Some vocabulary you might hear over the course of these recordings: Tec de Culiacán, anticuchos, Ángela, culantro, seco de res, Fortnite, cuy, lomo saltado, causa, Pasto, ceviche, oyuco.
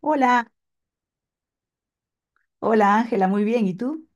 Hola, hola Ángela, muy bien. ¿Y tú?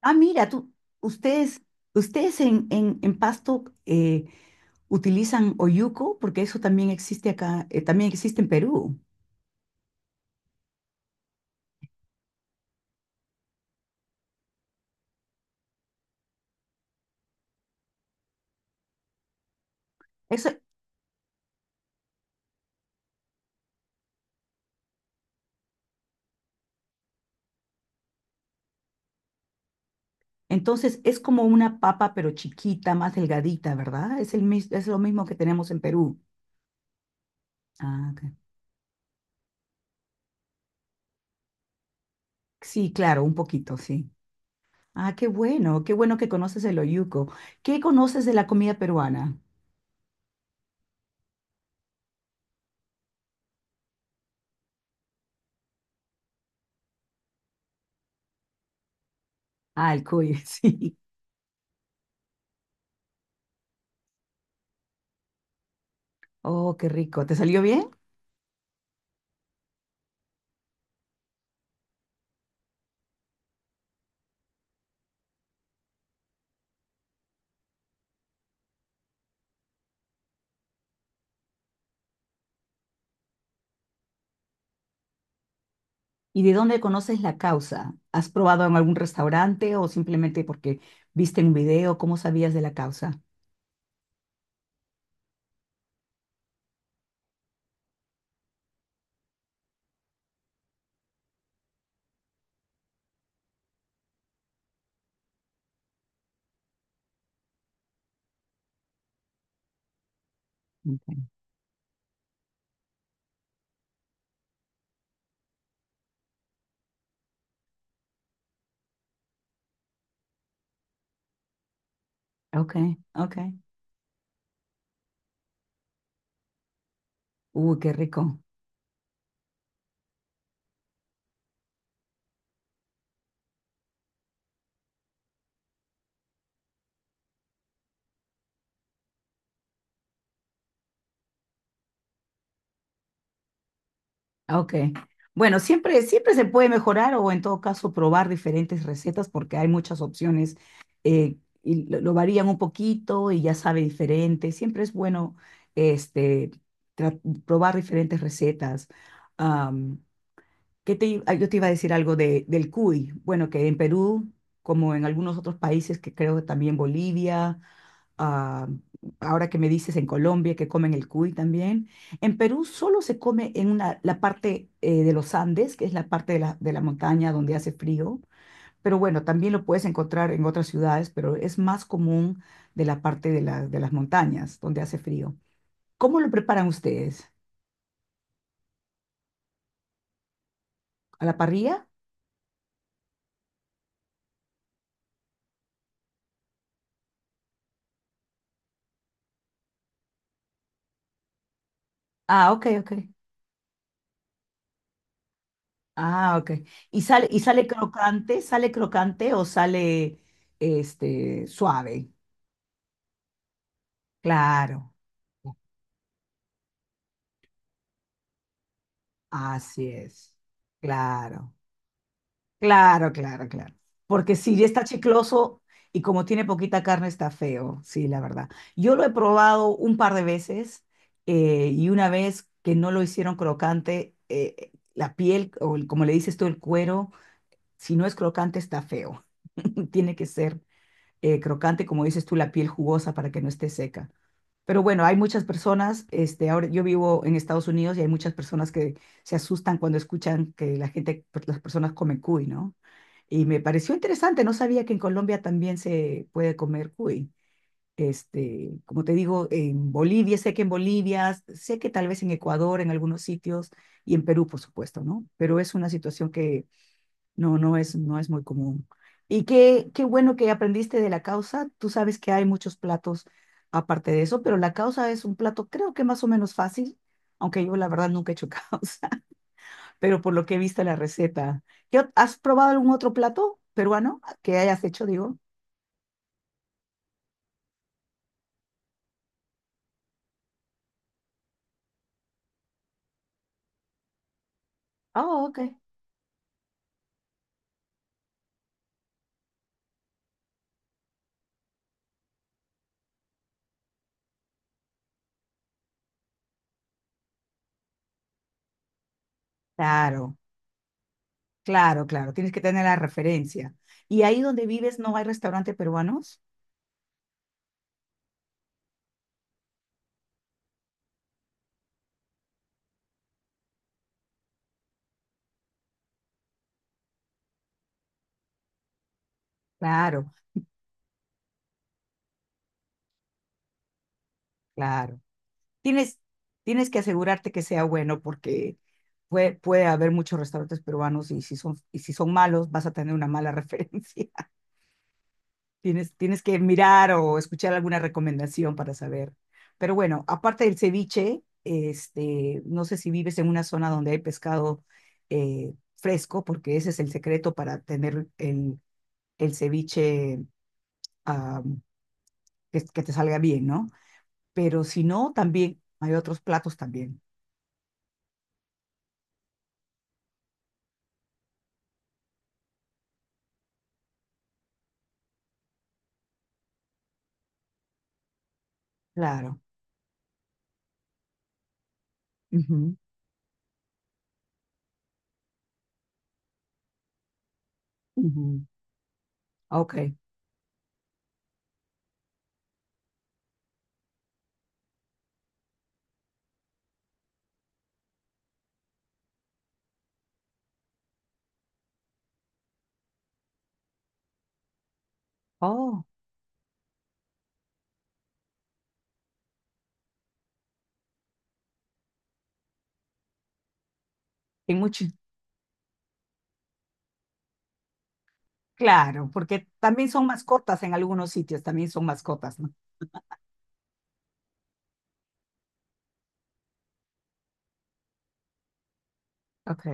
Ah, mira, tú, ustedes, ustedes en Pasto utilizan oyuco, porque eso también existe acá, también existe en Perú. Eso, entonces es como una papa, pero chiquita, más delgadita, ¿verdad? Es lo mismo que tenemos en Perú. Ah, ok. Sí, claro, un poquito, sí. Ah, qué bueno que conoces el oyuco. ¿Qué conoces de la comida peruana? Ah, el cuy, sí. Oh, qué rico. ¿Te salió bien? ¿Y de dónde conoces la causa? ¿Has probado en algún restaurante o simplemente porque viste un video? ¿Cómo sabías de la causa? Okay, okay, ok. Uy, qué rico. Okay. Bueno, siempre, siempre se puede mejorar o en todo caso probar diferentes recetas porque hay muchas opciones, eh, y lo varían un poquito y ya sabe diferente. Siempre es bueno este, tra- probar diferentes recetas. Ah, yo te iba a decir algo de, del cuy. Bueno, que en Perú, como en algunos otros países, que creo que también Bolivia, ah, ahora que me dices en Colombia que comen el cuy también, en Perú solo se come en la parte de los Andes, que es la parte de la montaña donde hace frío, pero bueno, también lo puedes encontrar en otras ciudades, pero es más común de la parte de las montañas donde hace frío. ¿Cómo lo preparan ustedes? ¿A la parrilla? Ah, ok, ok. Ah, ok. ¿Y sale crocante? ¿Sale crocante o sale suave? Claro, así es. Claro, claro, claro, claro. Porque si ya está chicloso y como tiene poquita carne está feo, sí, la verdad. Yo lo he probado un par de veces, y una vez que no lo hicieron crocante, la piel o como le dices tú, el cuero, si no es crocante está feo. Tiene que ser crocante, como dices tú, la piel jugosa para que no esté seca. Pero bueno, hay muchas personas, ahora yo vivo en Estados Unidos y hay muchas personas que se asustan cuando escuchan que la gente, las personas comen cuy, ¿no? Y me pareció interesante, no sabía que en Colombia también se puede comer cuy. Como te digo, en Bolivia, sé que en Bolivia, sé que tal vez en Ecuador, en algunos sitios, y en Perú, por supuesto, ¿no? Pero es una situación que no, no es muy común. Y qué bueno que aprendiste de la causa. Tú sabes que hay muchos platos aparte de eso, pero la causa es un plato creo que más o menos fácil, aunque yo la verdad nunca he hecho causa, pero por lo que he visto la receta. ¿Has probado algún otro plato peruano que hayas hecho, digo? Oh, ok. Claro, claro, claro. Tienes que tener la referencia. ¿Y ahí donde vives no hay restaurante peruanos? Claro, claro. Tienes, tienes que asegurarte que sea bueno porque puede haber muchos restaurantes peruanos y si son malos vas a tener una mala referencia. Tienes que mirar o escuchar alguna recomendación para saber. Pero bueno, aparte del ceviche, no sé si vives en una zona donde hay pescado fresco, porque ese es el secreto para tener el ceviche, ah, que te salga bien, ¿no? Pero si no, también hay otros platos también. Claro. Ujú. Ujú, ok. Oh, en mucho. Claro, porque también son mascotas en algunos sitios, también son mascotas, ¿no? Ok.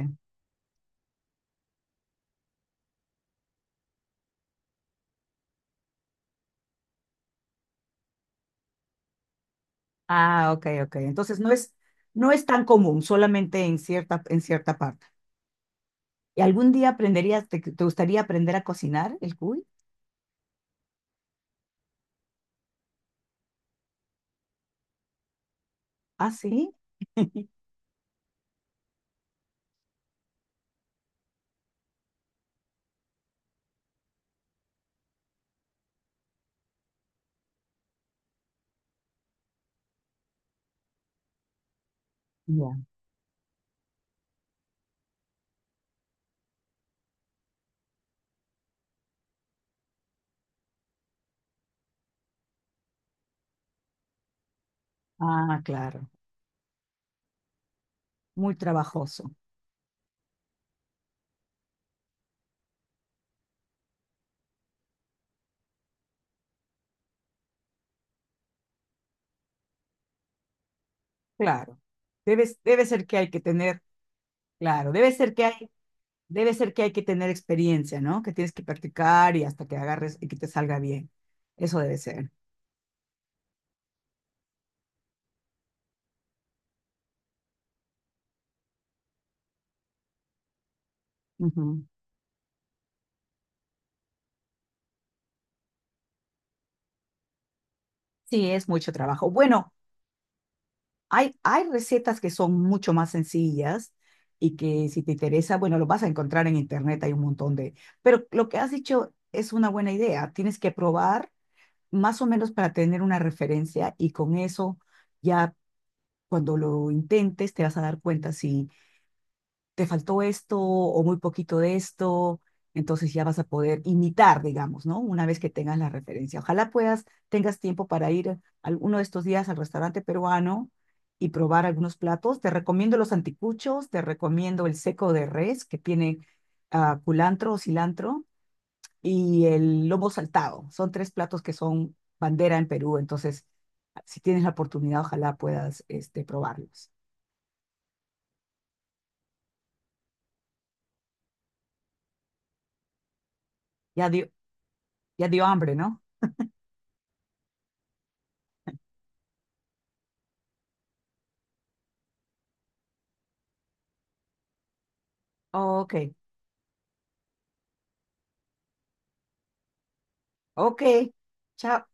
Ah, ok, ok. Entonces no es tan común, solamente en cierta parte. ¿Y algún día aprenderías, te gustaría aprender a cocinar el cuy? Ah, sí. Ya. Ah, claro. Muy trabajoso. Claro. Debe ser que hay que tener, claro, debe ser que hay que tener experiencia, ¿no? Que tienes que practicar y hasta que agarres y que te salga bien. Eso debe ser. Ujú. Sí, es mucho trabajo. Bueno, hay recetas que son mucho más sencillas y que si te interesa, bueno, lo vas a encontrar en internet, hay un montón de... Pero lo que has dicho es una buena idea. Tienes que probar más o menos para tener una referencia y con eso ya cuando lo intentes te vas a dar cuenta si te faltó esto o muy poquito de esto, entonces ya vas a poder imitar, digamos, ¿no? Una vez que tengas la referencia. Ojalá puedas, tengas tiempo para ir alguno de estos días al restaurante peruano y probar algunos platos. Te recomiendo los anticuchos, te recomiendo el seco de res que tiene culantro o cilantro y el lomo saltado. Son tres platos que son bandera en Perú, entonces si tienes la oportunidad, ojalá puedas probarlos. Ya dio, ya dio hambre, ¿no? Ok. Ok, chao.